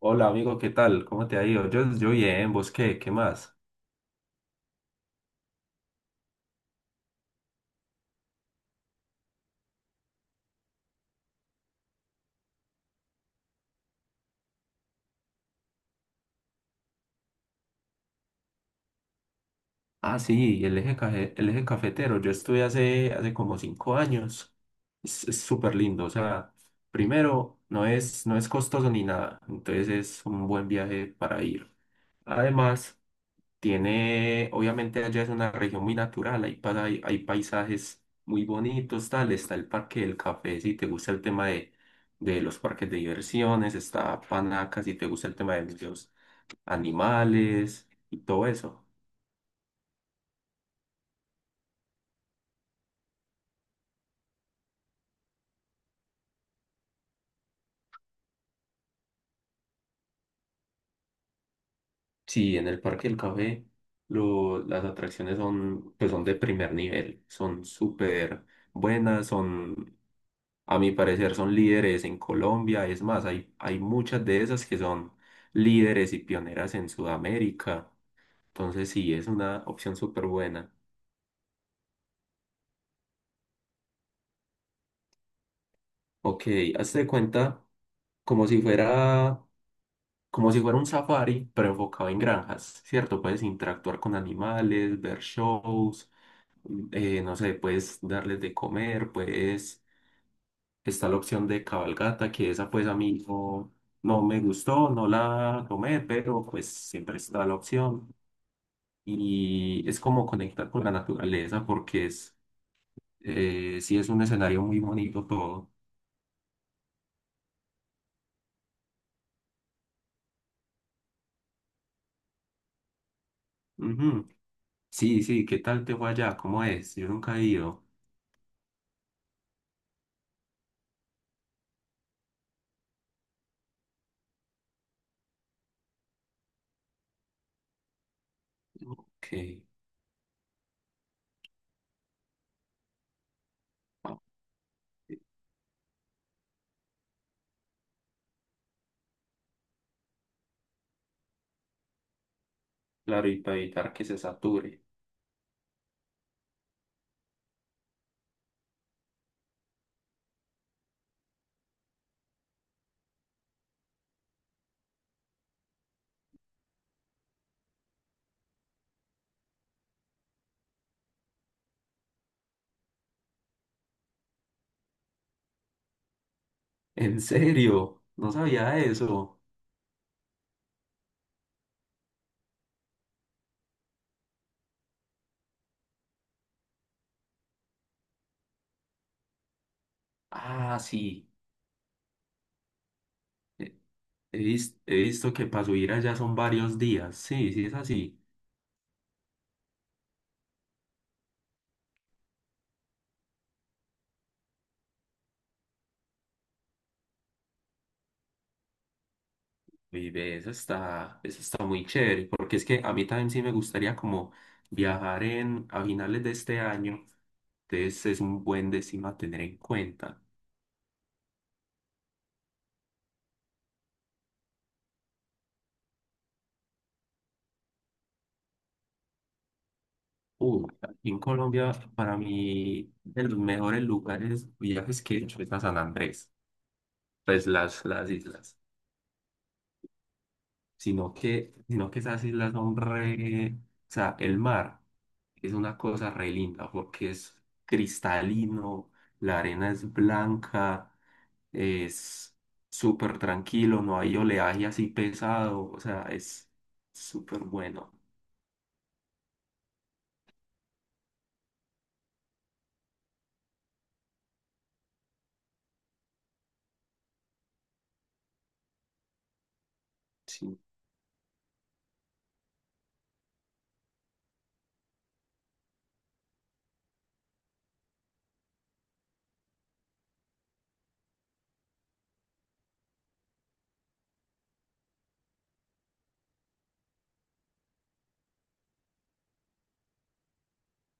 Hola amigo, ¿qué tal? ¿Cómo te ha ido? Yo bien, ¿vos qué? ¿Qué más? Ah, sí, el eje cafetero. Yo estuve hace como cinco años. Es súper lindo. O sea, primero, no es costoso ni nada. Entonces es un buen viaje para ir. Además, obviamente allá es una región muy natural. Hay paisajes muy bonitos, tal. Está el Parque del Café, si te gusta el tema de los parques de diversiones. Está Panaca, si te gusta el tema de museos animales y todo eso. Sí, en el Parque del Café las atracciones pues son de primer nivel, son súper buenas, a mi parecer, son líderes en Colombia. Es más, hay muchas de esas que son líderes y pioneras en Sudamérica. Entonces sí, es una opción súper buena. Ok, hazte de cuenta como si fuera, como si fuera un safari, pero enfocado en granjas, ¿cierto? Puedes interactuar con animales, ver shows, no sé, puedes darles de comer, está la opción de cabalgata, que esa pues a mí no, no me gustó, no la tomé, pero pues siempre está la opción. Y es como conectar con la naturaleza porque sí es un escenario muy bonito todo. Ujú. Sí, sí, ¿qué tal te fue allá? ¿Cómo es? Yo nunca he ido. Que Claro, y para evitar que se sature. ¿En serio? No sabía eso. Ah, sí. He visto que para subir allá son varios días. Sí, sí es así. Y ve, eso está muy chévere, porque es que a mí también sí me gustaría como viajar a finales de este año. Entonces es un buen destino a tener en cuenta. Aquí en Colombia, para mí, de los mejores lugares, viajes que he hecho es a San Andrés, pues las islas. Sino que esas islas son re. O sea, el mar. Es una cosa re linda porque es cristalino, la arena es blanca, es súper tranquilo, no hay oleaje así pesado, o sea, es súper bueno. Sí.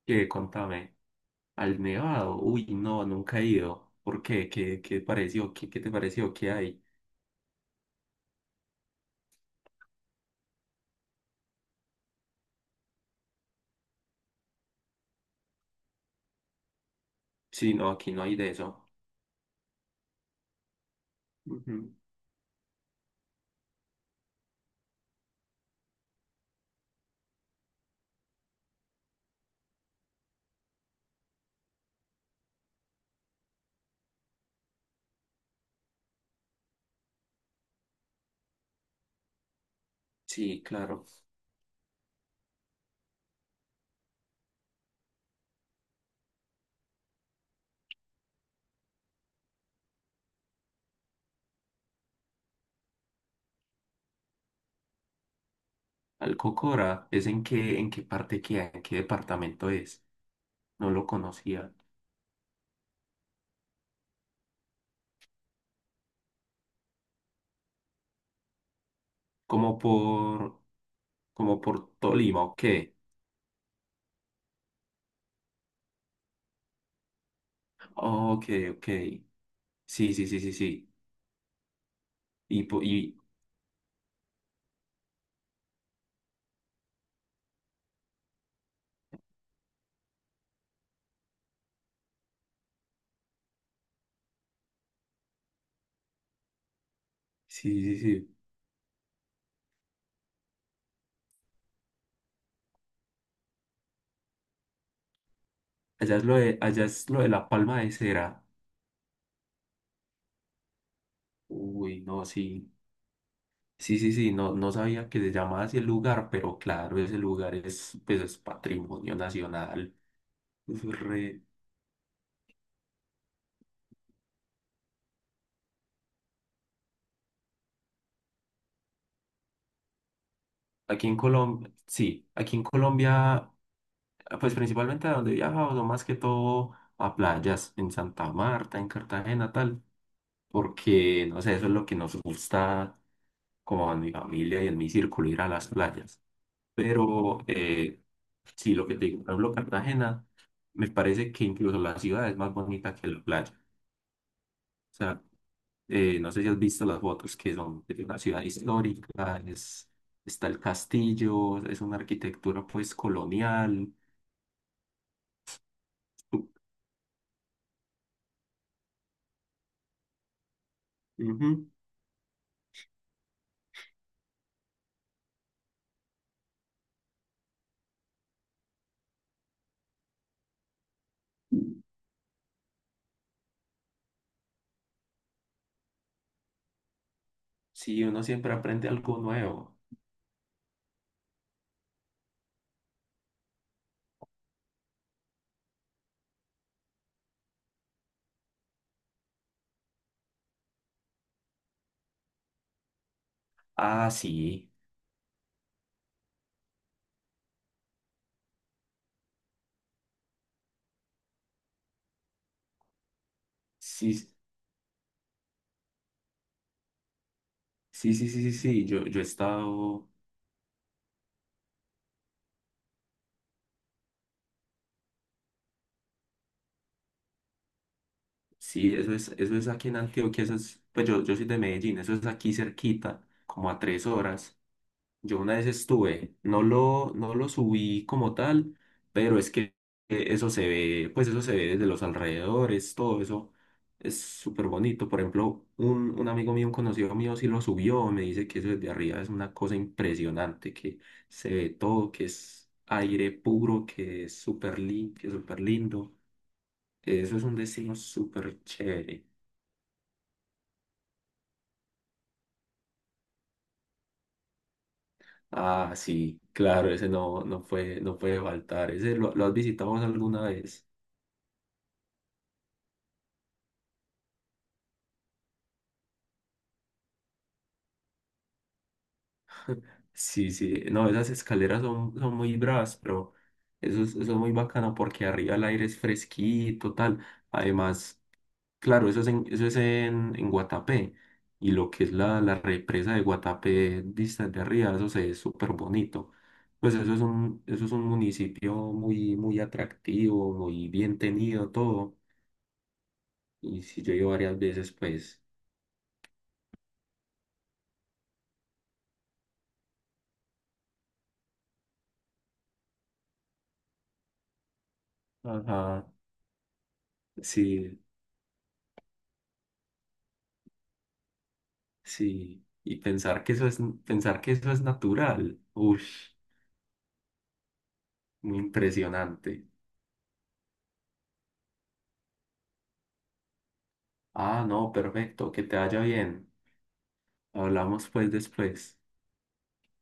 Que contame, al Nevado, uy, no, nunca he ido. ¿Por qué? ¿Qué pareció? ¿Qué te pareció? ¿Qué hay? Sí, no, aquí no hay de eso. Ujú. Sí, claro. Alcocora, ¿es en qué parte queda? ¿En qué departamento es? No lo conocía. Como por como por Tolima, ok. Oh, ok, ok. Sí, sí, sí, sí, sí. Y sí, sí, sí. Allá es lo de la palma de cera. Uy, no, sí. Sí, sí, sí. No, no sabía que se llamaba así el lugar, pero claro, ese lugar pues es patrimonio nacional. Es re- Aquí en Colombia, sí, aquí en Colombia, pues principalmente a donde viajamos, no más que todo a playas, en Santa Marta, en Cartagena, tal, porque, no sé, eso es lo que nos gusta con mi familia y en mi círculo ir a las playas. Pero sí, lo que te digo, por ejemplo, Cartagena, me parece que incluso la ciudad es más bonita que la playa. O sea, no sé si has visto las fotos que son de una ciudad histórica, está el castillo, es una arquitectura pues colonial. Ujú. Sí, uno siempre aprende algo nuevo. Ah, sí, sí, sí, sí, sí, sí, sí. Yo he estado. Sí, eso es aquí en Antioquia, pues yo soy de Medellín, eso es aquí cerquita, como a tres horas. Yo una vez estuve, no lo subí como tal, pero es que pues eso se ve desde los alrededores, todo eso es súper bonito. Por ejemplo, un amigo mío, un conocido mío, sí lo subió, me dice que eso desde arriba es una cosa impresionante, que se ve todo, que es aire puro, que es súper limpio, súper lindo. Eso es un destino súper chévere. Ah, sí, claro, ese no, no puede faltar. ¿Ese lo has visitado vos alguna vez? Sí, sí, no, esas escaleras son muy bravas, pero eso es muy bacano porque arriba el aire es fresquito, tal. Además, claro, eso es en Guatapé y lo que es la represa de Guatapé vista de arriba, eso se ve súper bonito. Pues eso es un municipio muy, muy atractivo, muy bien tenido, todo. Y si yo he ido varias veces, pues. Ajá, sí, sí. Y pensar que eso es natural. Uy, muy impresionante. Ah, no, perfecto, que te vaya bien. Hablamos pues después.